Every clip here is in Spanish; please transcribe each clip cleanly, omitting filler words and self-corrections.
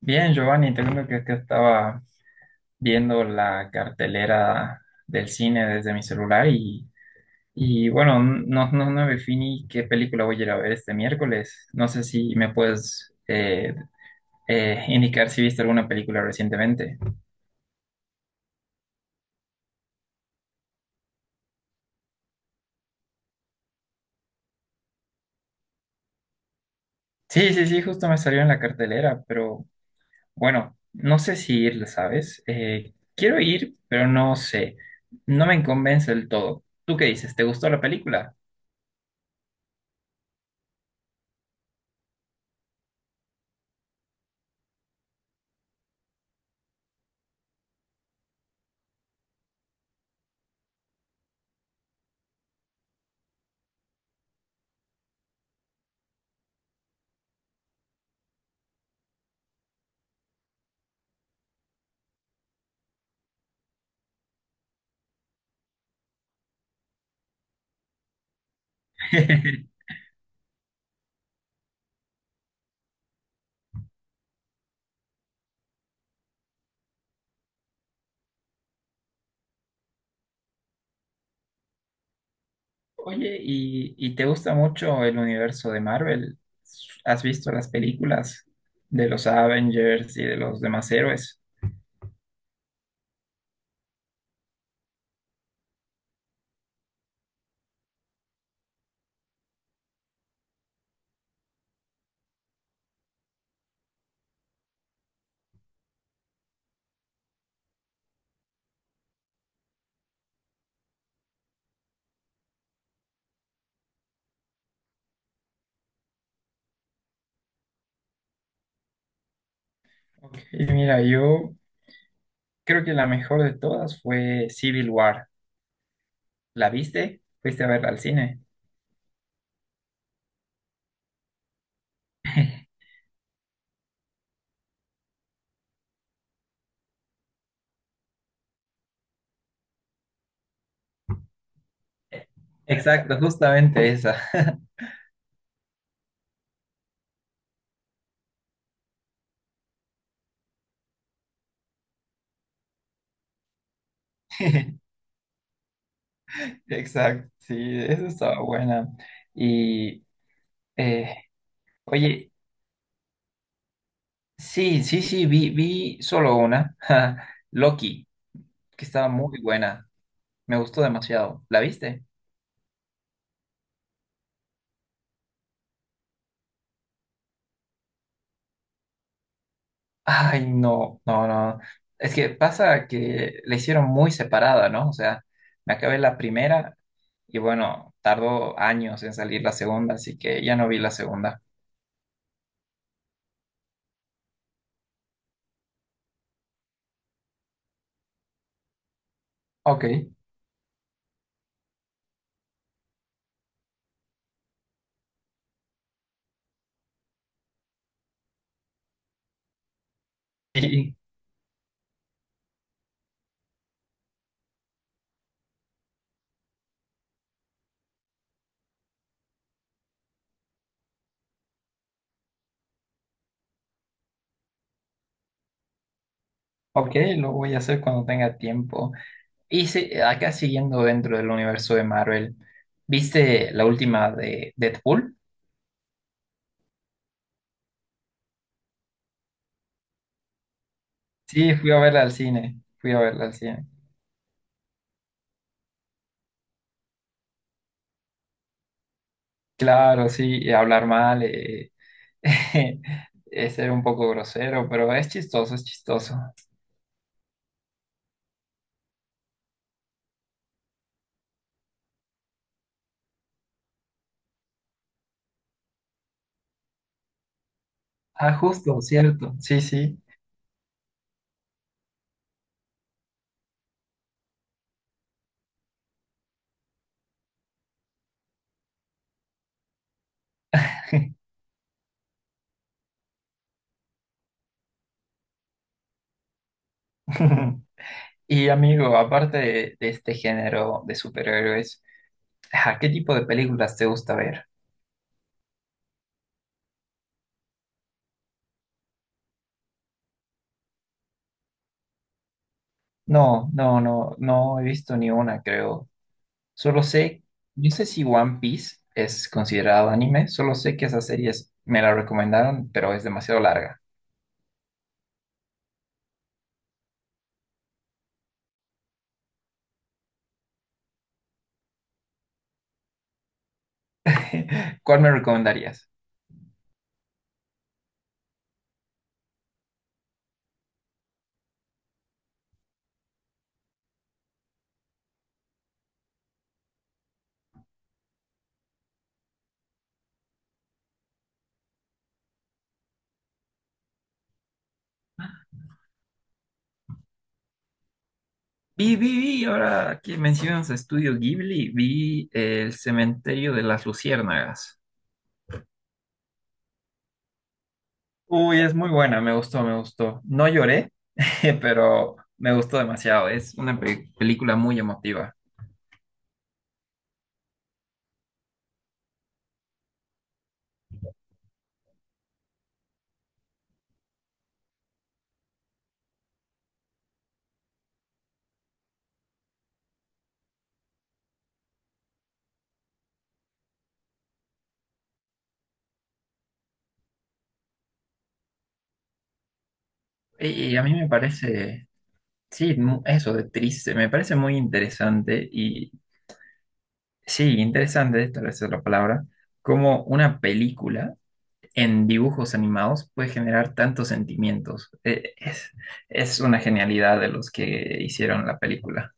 Bien, Giovanni, te cuento que es que estaba viendo la cartelera del cine desde mi celular y bueno, no definí qué película voy a ir a ver este miércoles. No sé si me puedes indicar si viste alguna película recientemente. Sí, sí, sí, justo me salió en la cartelera, pero bueno, no sé si ir, ¿sabes? Quiero ir, pero no sé. No me convence del todo. ¿Tú qué dices? ¿Te gustó la película? Oye, ¿y te gusta mucho el universo de Marvel? ¿Has visto las películas de los Avengers y de los demás héroes? Ok, mira, yo creo que la mejor de todas fue Civil War. ¿La viste? ¿Fuiste a verla al cine? Exacto, justamente esa. Exacto, sí, eso estaba buena. Y, eh, oye, sí, sí, sí, vi solo una, Loki, que estaba muy buena. Me gustó demasiado. ¿La viste? Ay, no, no, no. Es que pasa que la hicieron muy separada, ¿no? O sea, me acabé la primera y bueno, tardó años en salir la segunda, así que ya no vi la segunda. Ok. Y, ok, lo voy a hacer cuando tenga tiempo. Y sí, acá siguiendo dentro del universo de Marvel, ¿viste la última de Deadpool? Sí, fui a verla al cine, fui a verla al cine. Claro, sí, y hablar mal, Es ser un poco grosero, pero es chistoso, es chistoso. Ah, justo, cierto. Sí, sí. Y amigo, aparte de este género de superhéroes, ¿a qué tipo de películas te gusta ver? No, no, no, no he visto ni una, creo. Solo sé, no sé si One Piece es considerado anime, solo sé que esa serie es- me la recomendaron, pero es demasiado larga. ¿Cuál me recomendarías? Ahora que mencionas Estudio Ghibli, vi El Cementerio de las Luciérnagas. Uy, es muy buena, me gustó, me gustó. No lloré, pero me gustó demasiado. Es una pe- película muy emotiva. Y, y a mí me parece, sí, mu- eso de triste, me parece muy sí, interesante, tal vez es la palabra, como una película en dibujos animados puede generar tantos sentimientos. Es una genialidad de los que hicieron la película.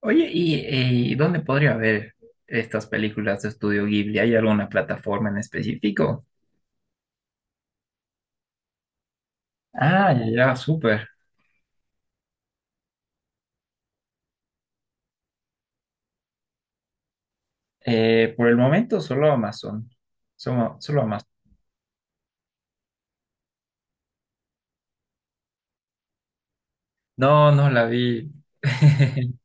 Oye, ¿y dónde podría ver estas películas de Estudio Ghibli? ¿Hay alguna plataforma en específico? Ah, ya, ya, súper. Por el momento solo Amazon. Solo, solo Amazon. No, no la vi.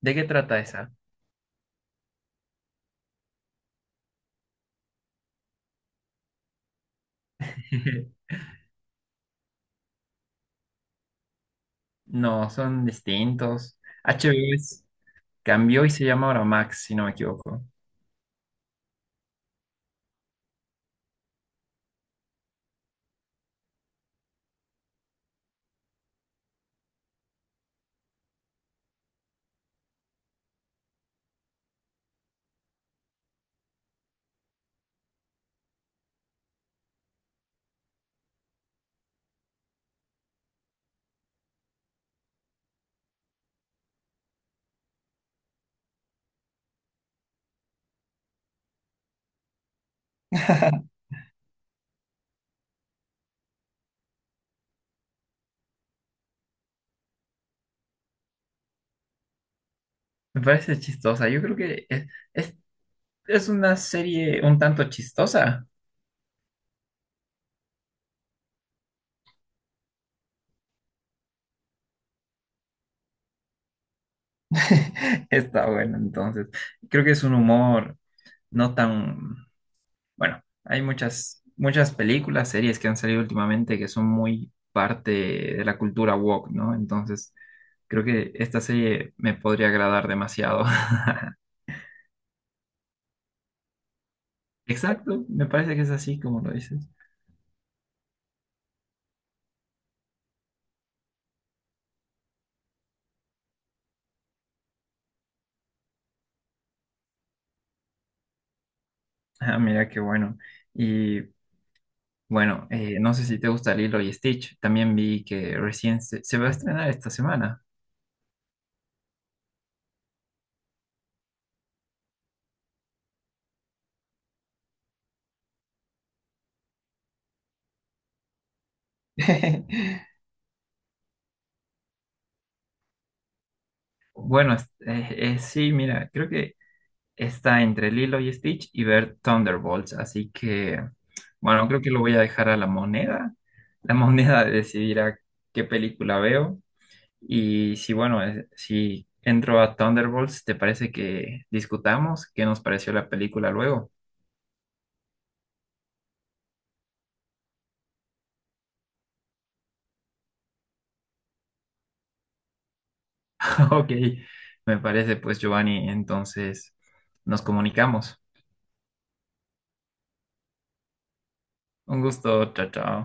¿De qué trata esa? No, son distintos. HBO es- cambió y se llama ahora Max, si no me equivoco. Me parece chistosa. Yo creo que es- es una serie un tanto chistosa. Está bueno, entonces. Creo que es un humor no tan... Bueno, hay muchas, muchas películas, series que han salido últimamente que son muy parte de la cultura woke, ¿no? Entonces, creo que esta serie me podría agradar demasiado. Exacto, me parece que es así como lo dices. Ah, mira qué bueno. y Bueno, no sé si te gusta Lilo y Stitch. También vi que recién se va a estrenar esta semana. Bueno, es- sí, mira, creo que está entre Lilo y Stitch y ver Thunderbolts. Así que, bueno, creo que lo voy a dejar a la moneda. La moneda decidirá qué película veo. Y si, bueno, si entro a Thunderbolts, ¿te parece que discutamos qué nos pareció la película luego? Ok, me parece pues Giovanni, entonces nos comunicamos. Un gusto, chao, chao.